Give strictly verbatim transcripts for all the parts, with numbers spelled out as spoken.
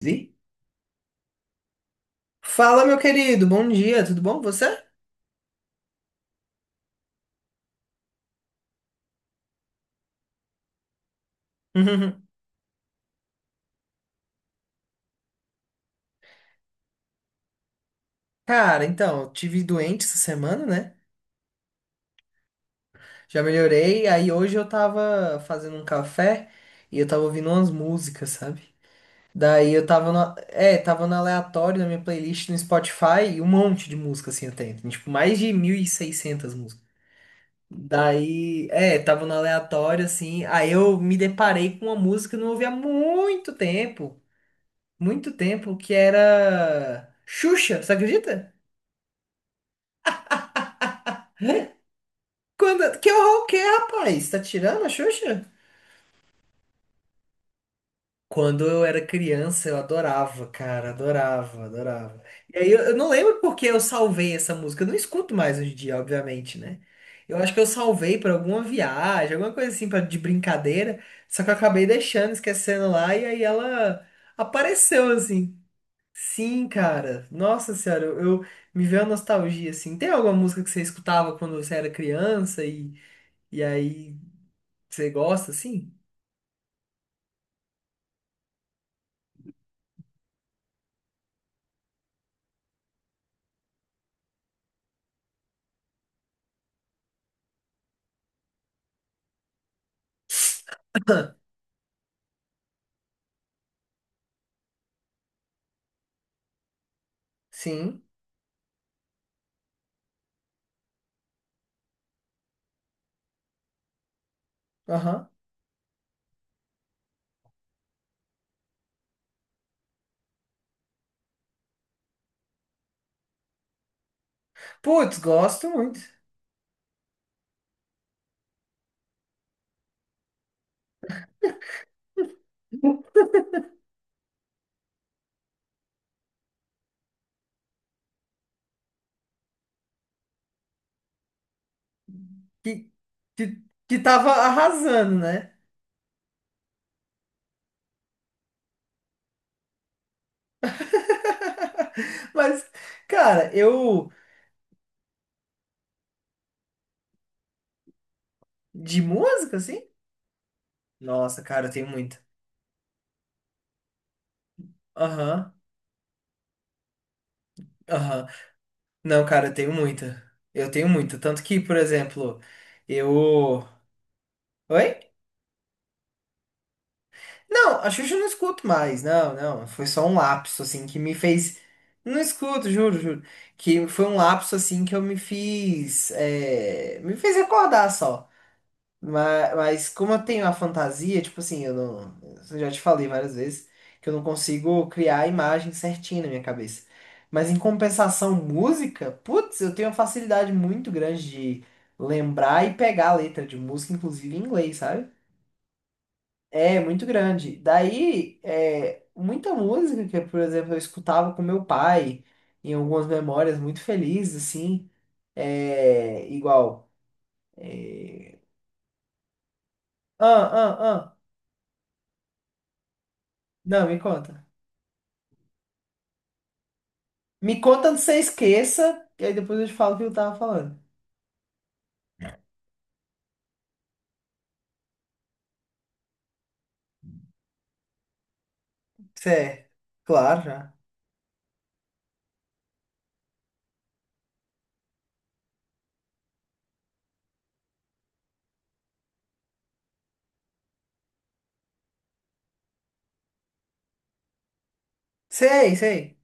Vi? Fala, meu querido, bom dia, tudo bom? Você? Cara, então, eu tive doente essa semana, né? Já melhorei, aí hoje eu tava fazendo um café e eu tava ouvindo umas músicas, sabe? Daí eu tava no, é, tava no aleatório na minha playlist no Spotify e um monte de música assim eu tenho, tem, tipo mais de mil e seiscentas músicas. Daí, é, tava no aleatório assim, aí eu me deparei com uma música que eu não ouvia há muito tempo. Muito tempo que era Xuxa, você acredita? Quando... Que horror que é, rapaz? Tá tirando a Xuxa? Quando eu era criança, eu adorava, cara, adorava, adorava. E aí eu, eu não lembro porque eu salvei essa música. Eu não escuto mais hoje em dia, obviamente, né? Eu acho que eu salvei pra alguma viagem, alguma coisa assim pra, de brincadeira. Só que eu acabei deixando, esquecendo lá, e aí ela apareceu assim. Sim, cara. Nossa senhora, eu, eu- me veio a nostalgia, assim. Tem alguma música que você escutava quando você era criança e, e aí você gosta, assim? Sim. Aham. Putz, gosto muito. Que, que, que tava arrasando, né? Mas, cara, eu. De música, assim? Nossa, cara, eu tenho muita. Aham, aham. Não, cara, eu tenho muita. Eu tenho muita. Tanto que, por exemplo, eu. Oi? Não, a Xuxa eu não escuto mais. Não, não. Foi só um lapso, assim, que me fez. Não escuto, juro, juro. Que foi um lapso, assim, que eu me fiz. é, Me fez recordar só. Mas, mas como eu tenho a fantasia, tipo assim, eu não. Eu já te falei várias vezes que eu não consigo criar a imagem certinha na minha cabeça. Mas em compensação, música, putz, eu tenho uma facilidade muito grande de lembrar e pegar a letra de música, inclusive em inglês, sabe? É, muito grande. Daí, é, muita música que, por exemplo, eu escutava com meu pai, em algumas memórias muito felizes, assim, é, igual. é, Ah, ah, ah. Não, me conta. Me conta antes que você esqueça, e aí depois eu te falo o que eu tava falando. Cê, é, claro, já. Sei, sei.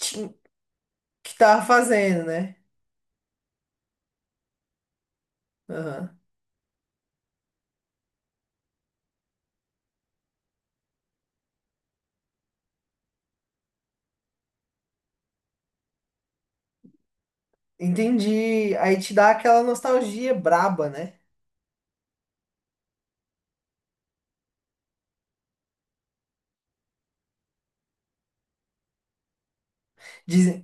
Ti- que tava fazendo, né? Aham. Entendi. Aí te dá aquela nostalgia braba, né? Diz-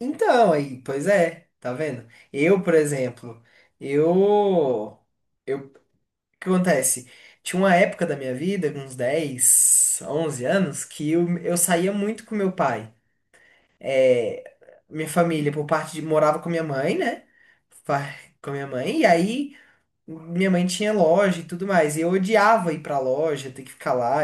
Então, aí, pois é, tá vendo? Eu, por exemplo, eu, eu, o que acontece? Tinha uma época da minha vida, uns dez onze anos, que eu, eu saía muito com meu pai. É, minha família, por parte de, morava com minha mãe, né? Fa- Com minha mãe, e aí minha mãe tinha loja e tudo mais, e eu odiava ir pra loja, ter que ficar lá.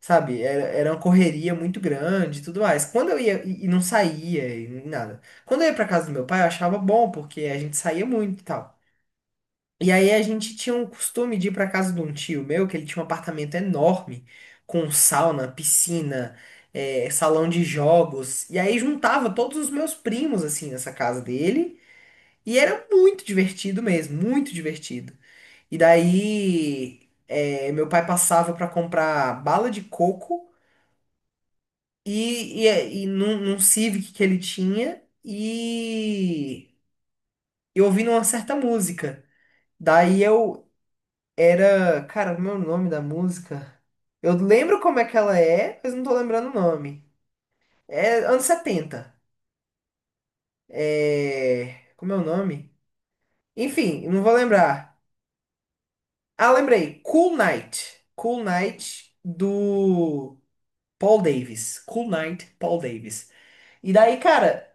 Sabe, era, era uma correria muito grande e tudo mais. Quando eu ia, e, e não saía, e nada. Quando eu ia pra casa do meu pai, eu achava bom, porque a gente saía muito e tal. E aí a gente tinha um costume de ir pra casa de um tio meu, que ele tinha um apartamento enorme, com sauna, piscina, eh, salão de jogos. E aí juntava todos os meus primos, assim, nessa casa dele. E era muito divertido mesmo, muito divertido. E daí, eh, meu pai passava pra comprar bala de coco e, e, é, e num, num Civic que ele tinha, e eu ouvindo uma certa música. Daí eu era, cara, como é o nome da música? Eu lembro como é que ela é, mas não tô lembrando o nome. É anos setenta. É, como é o nome? Enfim, não vou lembrar. Ah, lembrei. Cool Night. Cool Night do Paul Davis. Cool Night, Paul Davis. E daí, cara,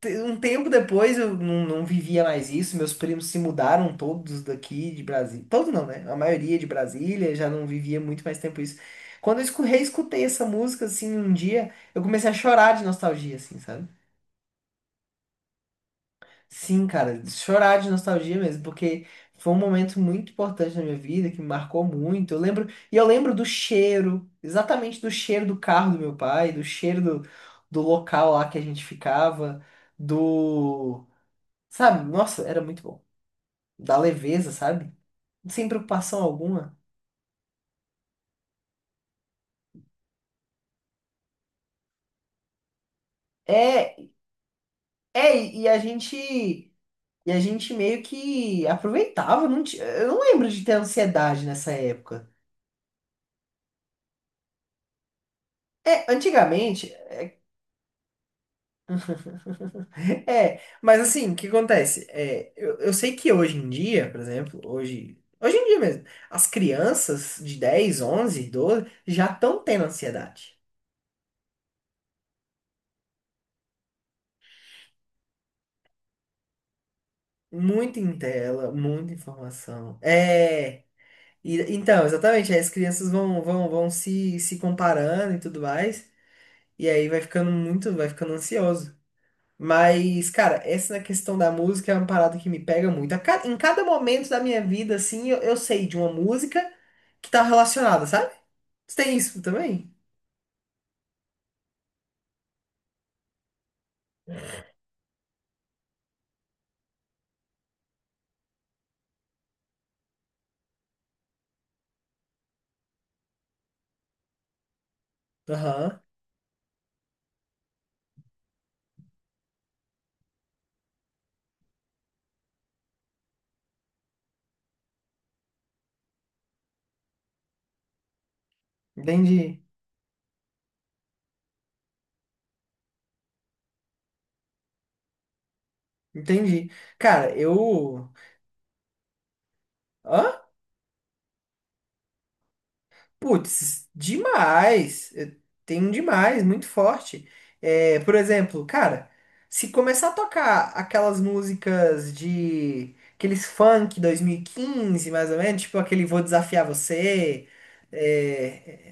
Te- Um tempo depois eu não, não vivia mais isso, meus primos se mudaram todos daqui de Brasília. Todos não, né? A maioria de Brasília já não vivia muito mais tempo isso. Quando eu escu- reescutei essa música, assim, um dia, eu comecei a chorar de nostalgia, assim, sabe? Sim, cara, chorar de nostalgia mesmo, porque foi um momento muito importante na minha vida, que me marcou muito. Eu lembro, e eu lembro do cheiro, exatamente do cheiro do carro do meu pai, do cheiro do, do local lá que a gente ficava do. Sabe? Nossa, era muito bom. Da leveza, sabe? Sem preocupação alguma. É, é, e a gente, e a gente meio que aproveitava, não ti- eu não lembro de ter ansiedade nessa época. É, antigamente. é, mas assim, o que acontece? É, eu, eu sei que hoje em dia, por exemplo, hoje, hoje em dia mesmo, as crianças de dez onze doze já estão tendo ansiedade. Muito em tela, muita informação. É. E- então, exatamente, aí as crianças vão, vão, vão se, se comparando e tudo mais, e aí vai ficando muito, vai ficando ansioso. Mas, cara, essa questão da música é uma parada que me pega muito. A ca- em cada momento da minha vida, assim, eu, eu sei de uma música que tá relacionada, sabe? Você tem isso também? Aham, entendi, entendi. Cara, eu. Hã? Putz, demais. Eu tenho um demais, muito forte. É, por exemplo, cara, se começar a tocar aquelas músicas de aqueles funk dois mil e quinze, mais ou menos, tipo aquele Vou Desafiar Você, é,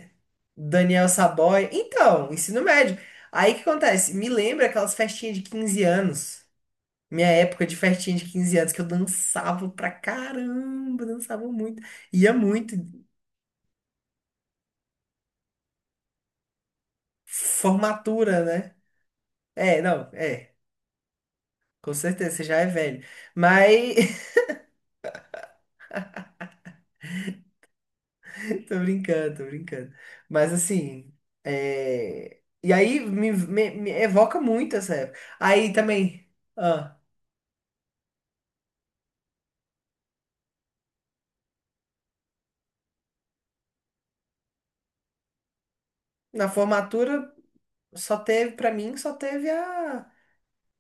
é, Daniel Saboia. Então, ensino médio. Aí o que acontece? Me lembra aquelas festinhas de quinze anos. Minha época de festinha de quinze anos, que eu dançava pra caramba, dançava muito. Ia muito. Formatura, né? É, não, é. Com certeza, você já é velho. Mas. Tô brincando, tô brincando. Mas assim. é, E aí me, me- me evoca muito essa época. Aí também. ah, Na formatura, só teve, pra mim, só teve a.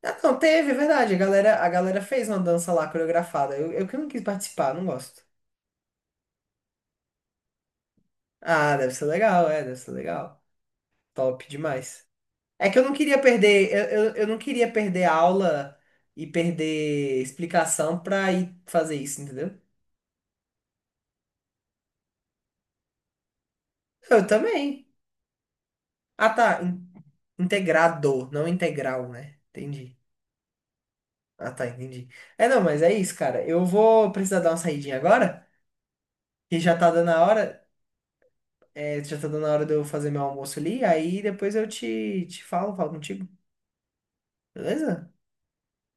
Ah, não, teve, é verdade. A galera, a galera fez uma dança lá coreografada. Eu, eu que não quis participar, não gosto. Ah, deve ser legal, é, deve ser legal. Top demais. É que eu não queria perder, eu, eu, eu não queria perder aula e perder explicação pra ir fazer isso, entendeu? Eu também. Ah, tá. in- Integrador, não integral, né? Entendi. Ah, tá, entendi. É, não, mas é isso, cara. Eu vou precisar dar uma saidinha agora, que já tá dando a hora, é, já tá dando a hora de eu fazer meu almoço ali, aí depois eu te, te falo, falo contigo, beleza?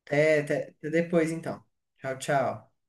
Até, até até depois, então. Tchau, tchau.